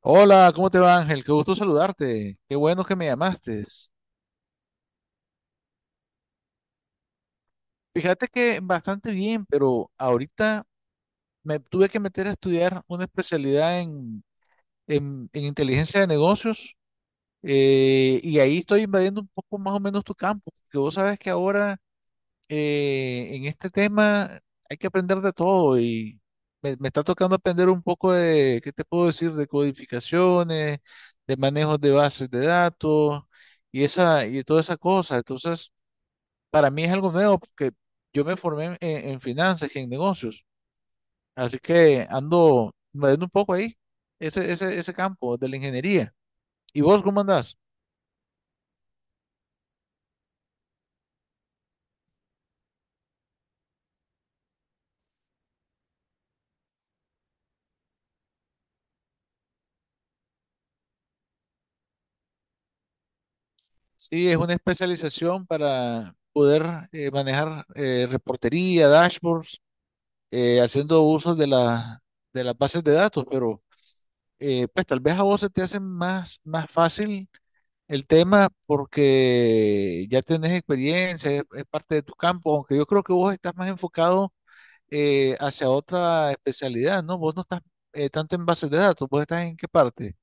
Hola, ¿cómo te va, Ángel? Qué gusto saludarte. Qué bueno que me llamaste. Fíjate que bastante bien, pero ahorita me tuve que meter a estudiar una especialidad en inteligencia de negocios, y ahí estoy invadiendo un poco más o menos tu campo, porque vos sabes que ahora... en este tema hay que aprender de todo, y me está tocando aprender un poco de, ¿qué te puedo decir? De codificaciones, de manejos de bases de datos, y esa y toda esa cosa. Entonces, para mí es algo nuevo porque yo me formé en finanzas y en negocios, así que ando moviendo un poco ahí, ese campo de la ingeniería. ¿Y vos cómo andás? Sí, es una especialización para poder manejar reportería, dashboards, haciendo uso de de las bases de datos, pero pues tal vez a vos se te hace más fácil el tema porque ya tenés experiencia, es parte de tu campo, aunque yo creo que vos estás más enfocado hacia otra especialidad, ¿no? Vos no estás tanto en bases de datos, vos estás en qué parte.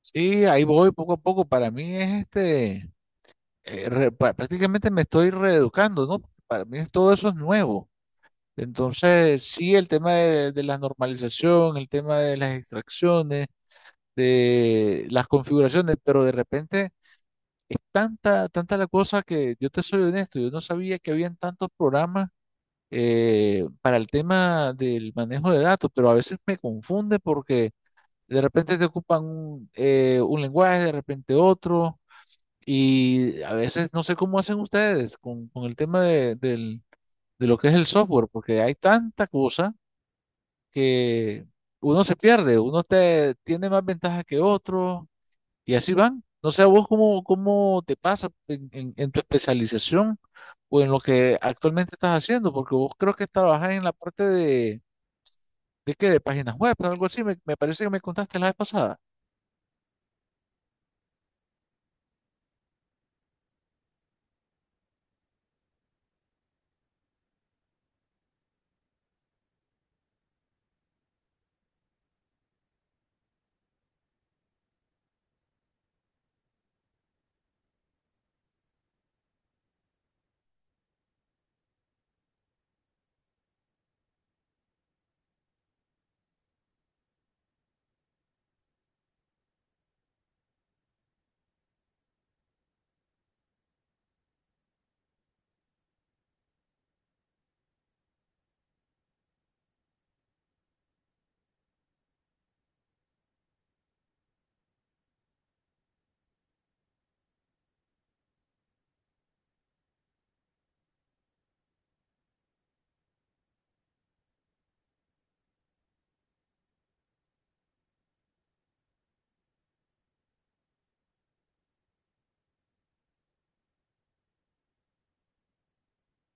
Sí, ahí voy poco a poco. Para mí es este, prácticamente me estoy reeducando, ¿no? Para mí todo eso es nuevo. Entonces, sí, el tema de la normalización, el tema de las extracciones, de las configuraciones, pero de repente tanta la cosa, que yo te soy honesto, yo no sabía que habían tantos programas para el tema del manejo de datos, pero a veces me confunde porque de repente te ocupan un lenguaje, de repente otro, y a veces no sé cómo hacen ustedes con el tema de lo que es el software, porque hay tanta cosa que uno se pierde, tiene más ventajas que otro y así van. No sé a vos cómo te pasa en tu especialización o en lo que actualmente estás haciendo, porque vos creo que trabajás en la parte ¿de qué? De páginas web, algo así, me parece que me contaste la vez pasada.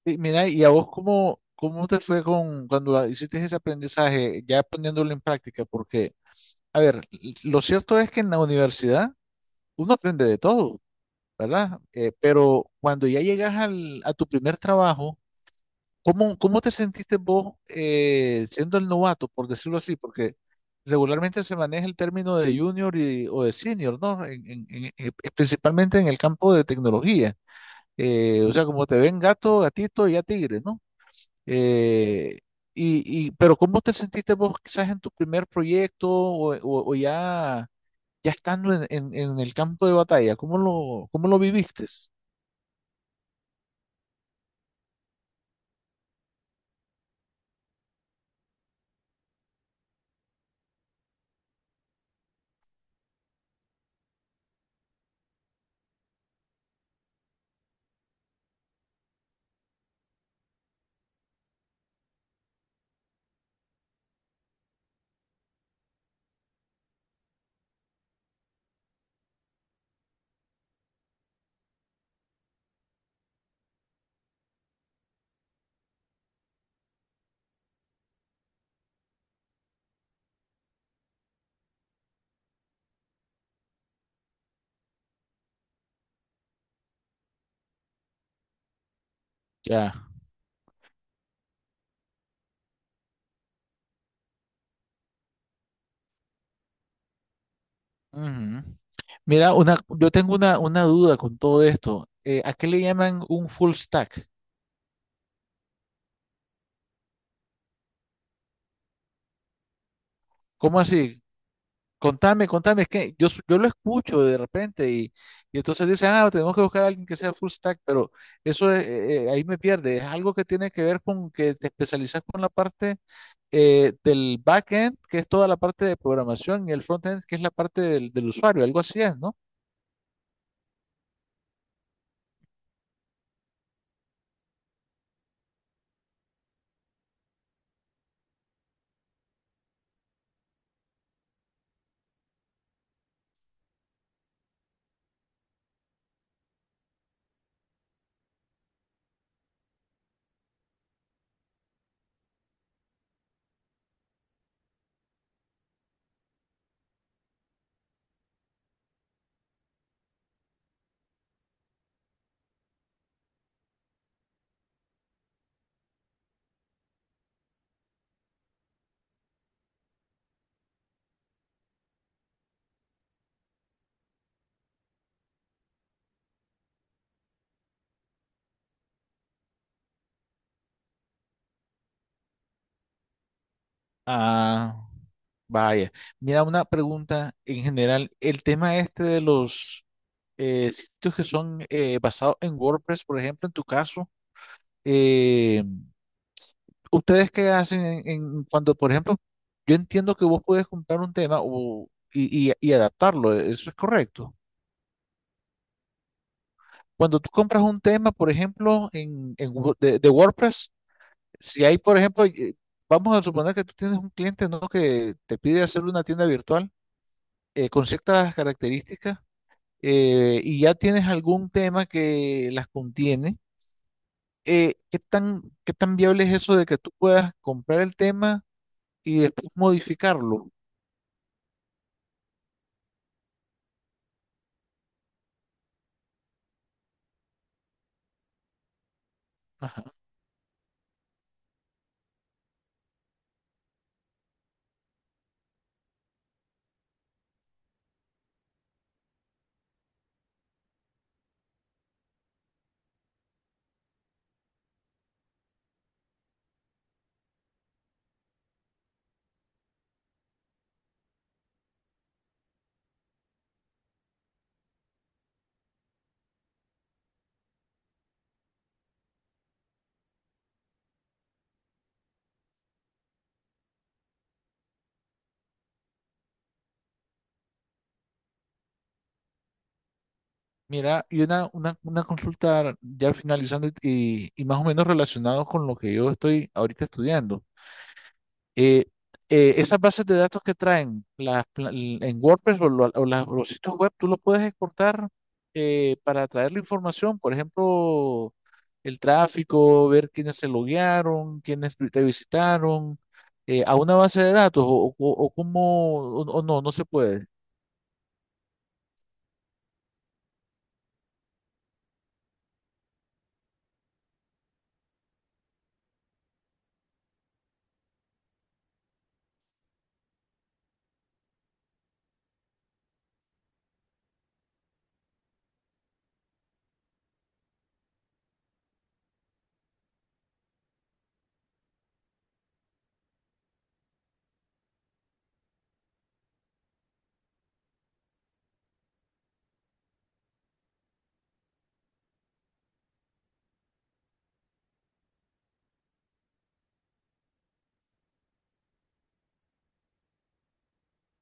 Y mira, ¿y a vos cómo te fue con cuando hiciste ese aprendizaje, ya poniéndolo en práctica? Porque, a ver, lo cierto es que en la universidad uno aprende de todo, ¿verdad? Pero cuando ya llegas a tu primer trabajo, cómo te sentiste vos, siendo el novato, por decirlo así? Porque regularmente se maneja el término de junior o de senior, ¿no? Principalmente en el campo de tecnología. O sea, como te ven gato, gatito y ya tigre, ¿no? Eh, pero ¿cómo te sentiste vos quizás en tu primer proyecto o ya, ya estando en el campo de batalla? ¿Cómo cómo lo viviste? Ya. Ujú. Mira, yo tengo una duda con todo esto. ¿A qué le llaman un full stack? ¿Cómo así? Contame, contame, es que yo, yo lo escucho de repente y entonces dicen, ah, tenemos que buscar a alguien que sea full stack, pero eso es, ahí me pierde. Es algo que tiene que ver con que te especializas con la parte del backend, que es toda la parte de programación, y el frontend, que es la parte del usuario, algo así es, ¿no? Ah. Vaya, mira, una pregunta en general. El tema este de los sitios que son basados en WordPress, por ejemplo, en tu caso, eh, ¿ustedes qué hacen en cuando, por ejemplo, yo entiendo que vos puedes comprar un tema y, y adaptarlo, e, eso es correcto. Cuando tú compras un tema, por ejemplo, de WordPress, si hay, por ejemplo, vamos a suponer que tú tienes un cliente, ¿no? Que te pide hacer una tienda virtual, con ciertas características, y ya tienes algún tema que las contiene, qué tan viable es eso de que tú puedas comprar el tema y después modificarlo? Ajá. Mira, y una consulta ya finalizando, y más o menos relacionado con lo que yo estoy ahorita estudiando. Eh, Esas bases de datos que traen en WordPress o, lo- o las- los sitios web, tú los puedes exportar, para traer la información, por ejemplo, el tráfico, ver quiénes se loguearon, quiénes te visitaron, a una base de datos o cómo, o no, no se puede.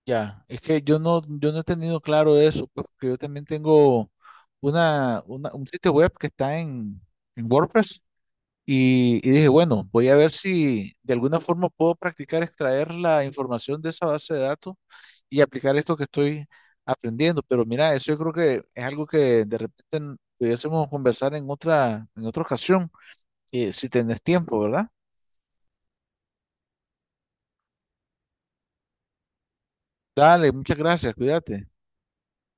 Ya, es que yo no, yo no he tenido claro eso, pues, porque yo también tengo un sitio web que está en WordPress. Y dije, bueno, voy a ver si de alguna forma puedo practicar extraer la información de esa base de datos y aplicar esto que estoy aprendiendo. Pero mira, eso yo creo que es algo que de repente pudiésemos conversar en otra ocasión, si tenés tiempo, ¿verdad? Dale, muchas gracias, cuídate.